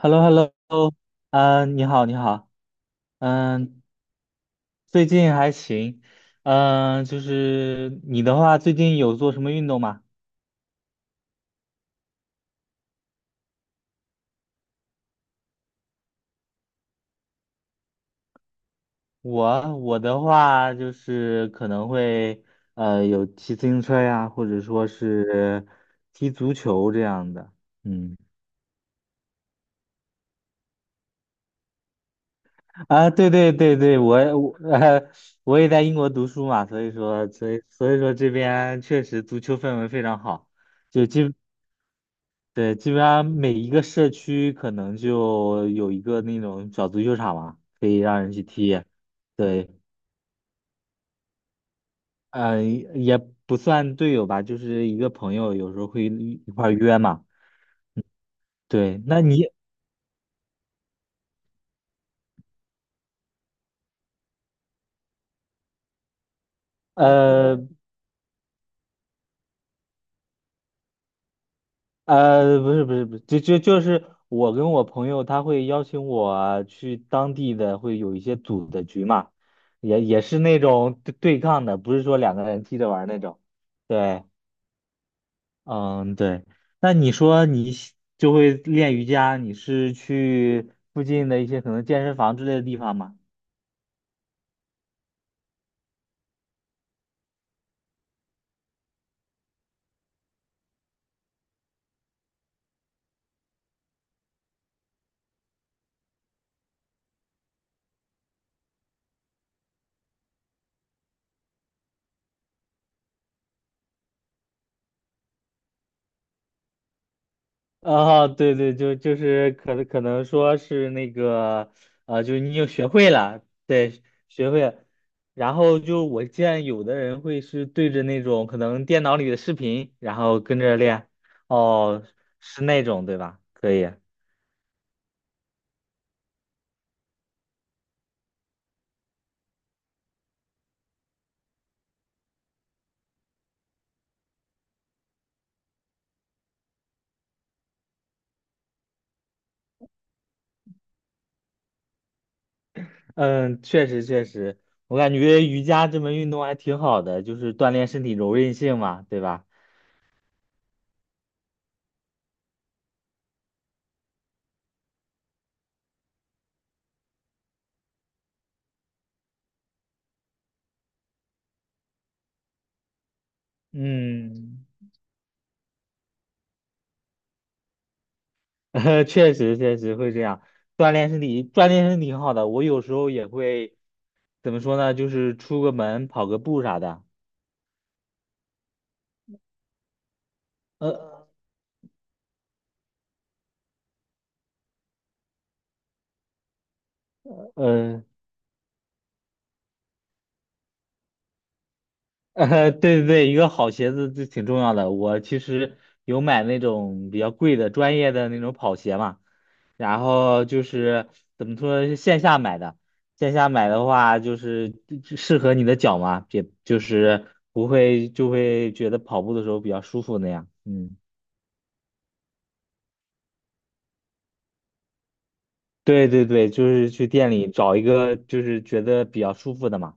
h e l l o h e l l o 嗯，你好，你好，嗯，最近还行，嗯，就是你的话，最近有做什么运动吗？我的话就是可能会有骑自行车呀，或者说是踢足球这样的，嗯，啊，对对对对，我也在英国读书嘛，所以说这边确实足球氛围非常好。就基。对，基本上每一个社区可能就有一个那种小足球场嘛，可以让人去踢。对，嗯、也不算队友吧，就是一个朋友，有时候会一块儿约嘛。对，呃不是不是不是，就是我跟我朋友，他会邀请我去当地的，会有一些组的局嘛，也是那种对抗的，不是说两个人踢着玩儿那种。对。嗯，对。那你说你就会练瑜伽，你是去附近的一些可能健身房之类的地方吗？啊，对对，就是可能说是那个，就是你已学会了，对，学会了。然后就我见有的人会是对着那种可能电脑里的视频，然后跟着练。哦，是那种对吧？可以。嗯，确实确实，我感觉瑜伽这门运动还挺好的，就是锻炼身体柔韧性嘛，对吧？嗯，确实确实会这样，锻炼身体挺好的。我有时候也会怎么说呢，就是出个门跑个步啥的。呃呃，对对对，一个好鞋子就挺重要的。我其实有买那种比较贵的专业的那种跑鞋嘛，然后就是怎么说，是线下买的。线下买的话，就是就适合你的脚嘛，也就是不会就会觉得跑步的时候比较舒服那样。嗯，对对对，就是去店里找一个就是觉得比较舒服的嘛。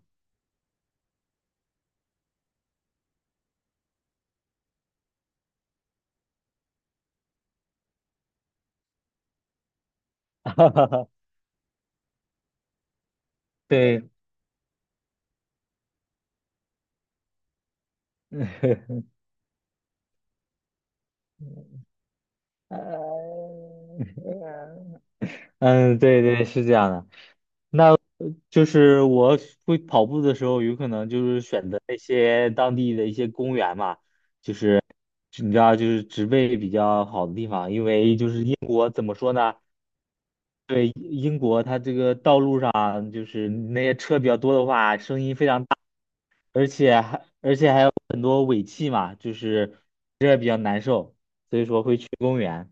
对，呃，嗯，对对，是这样的。就是我会跑步的时候，有可能就是选择那些当地的一些公园嘛，你知道，就是植被比较好的地方，因为就是英国怎么说呢？对，英国它这个道路上就是那些车比较多的话，声音非常大，而且还有很多尾气嘛，就是这比较难受，所以说会去公园。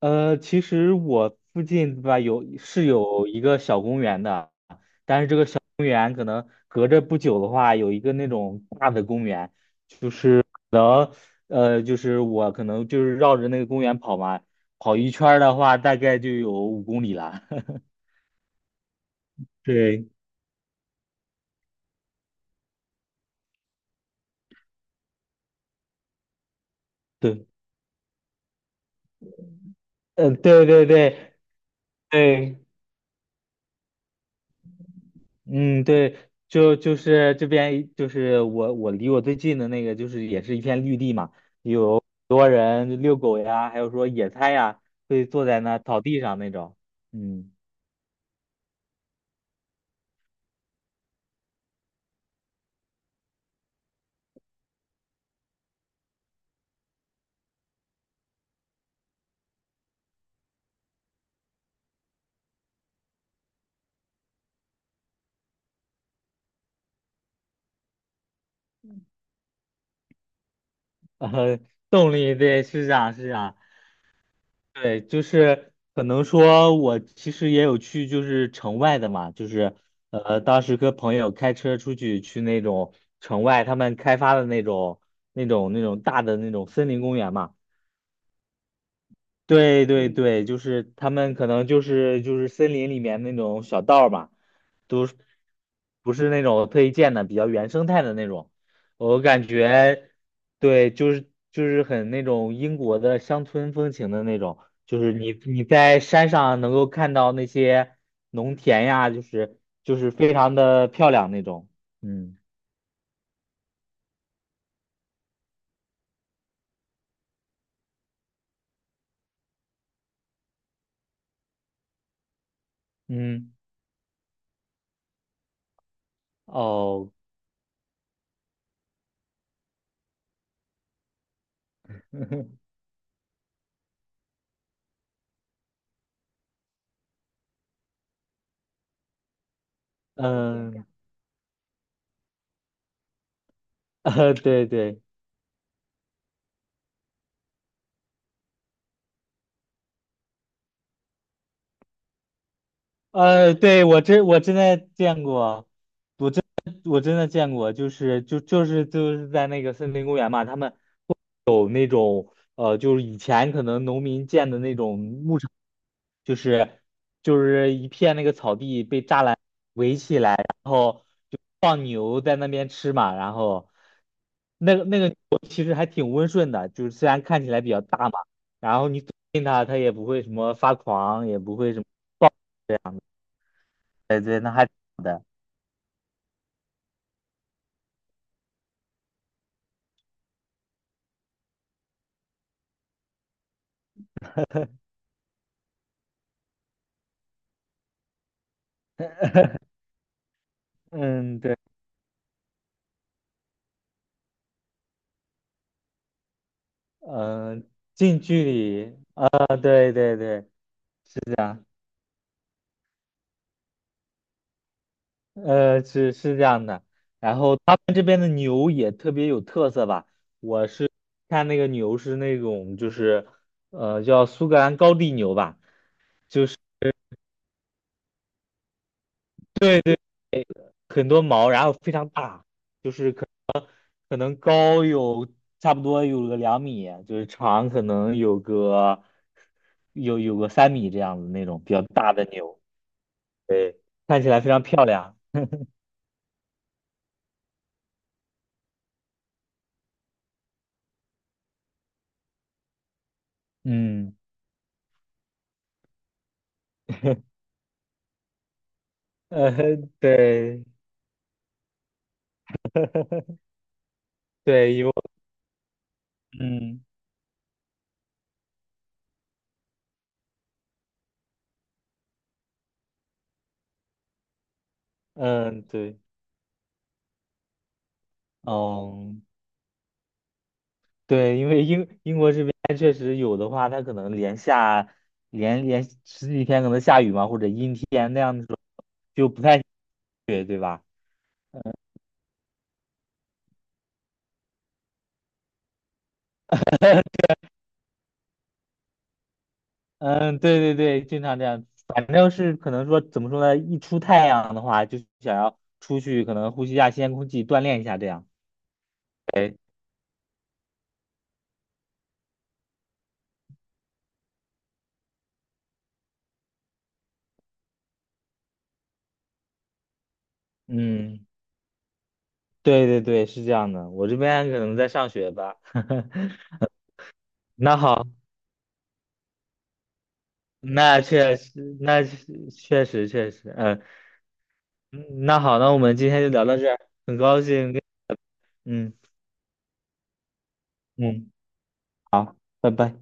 其实我附近吧有是有一个小公园的。公园可能隔着不久的话，有一个那种大的公园，可能就是我可能就是绕着那个公园跑嘛，跑一圈儿的话，大概就有5公里了。对对，嗯对对对对，嗯，对，就是这边就是我离我最近的那个就是也是一片绿地嘛，很多人遛狗呀，还有说野餐呀，会坐在那草地上那种，嗯，呃，动力对，是这样是这样。对，就是可能说，我其实也有去，就是城外的嘛，就是当时跟朋友开车出去去那种城外，他们开发的那种、大的那种森林公园嘛。对对对，就是他们可能就是森林里面那种小道儿嘛，都是不是那种特意建的，比较原生态的那种。我感觉，对，就是很那种英国的乡村风情的那种，就是你在山上能够看到那些农田呀，就是非常的漂亮那种。嗯嗯，哦，嗯。 对对，对，我真的见过。我真的见过，就是在那个森林公园嘛，他们有那种就是以前可能农民建的那种牧场，就是就是一片那个草地被栅栏围起来，然后就放牛在那边吃嘛，然后那个牛其实还挺温顺的，就是虽然看起来比较大嘛，然后你走近它，它也不会什么发狂，也不会什么暴，对对，那还挺好的，嗯。嗯、近距离，对对对，是是这样的。然后他们这边的牛也特别有特色吧，看那个牛是那种就是，叫苏格兰高地牛吧，对对，很多毛，然后非常大，就是可能高有差不多有个2米，就是长可能有个3米这样子那种比较大的牛，对，看起来非常漂亮，嗯。呃，对对，嗯嗯，对，嗯，对，因为英国这边确实有的话，它可能连下十几天可能下雨嘛，或者阴天那样的时候就不太嗯，对对对，经常这样，反正是可能说怎么说呢，一出太阳的话，就想要出去可能呼吸一下新鲜空气，锻炼一下这样。哎，嗯，对对对，是这样的，我这边可能在上学吧。那好。那确实，那确实确实，嗯，嗯那好，那我们今天就聊到这儿，很高兴跟，嗯嗯，拜拜。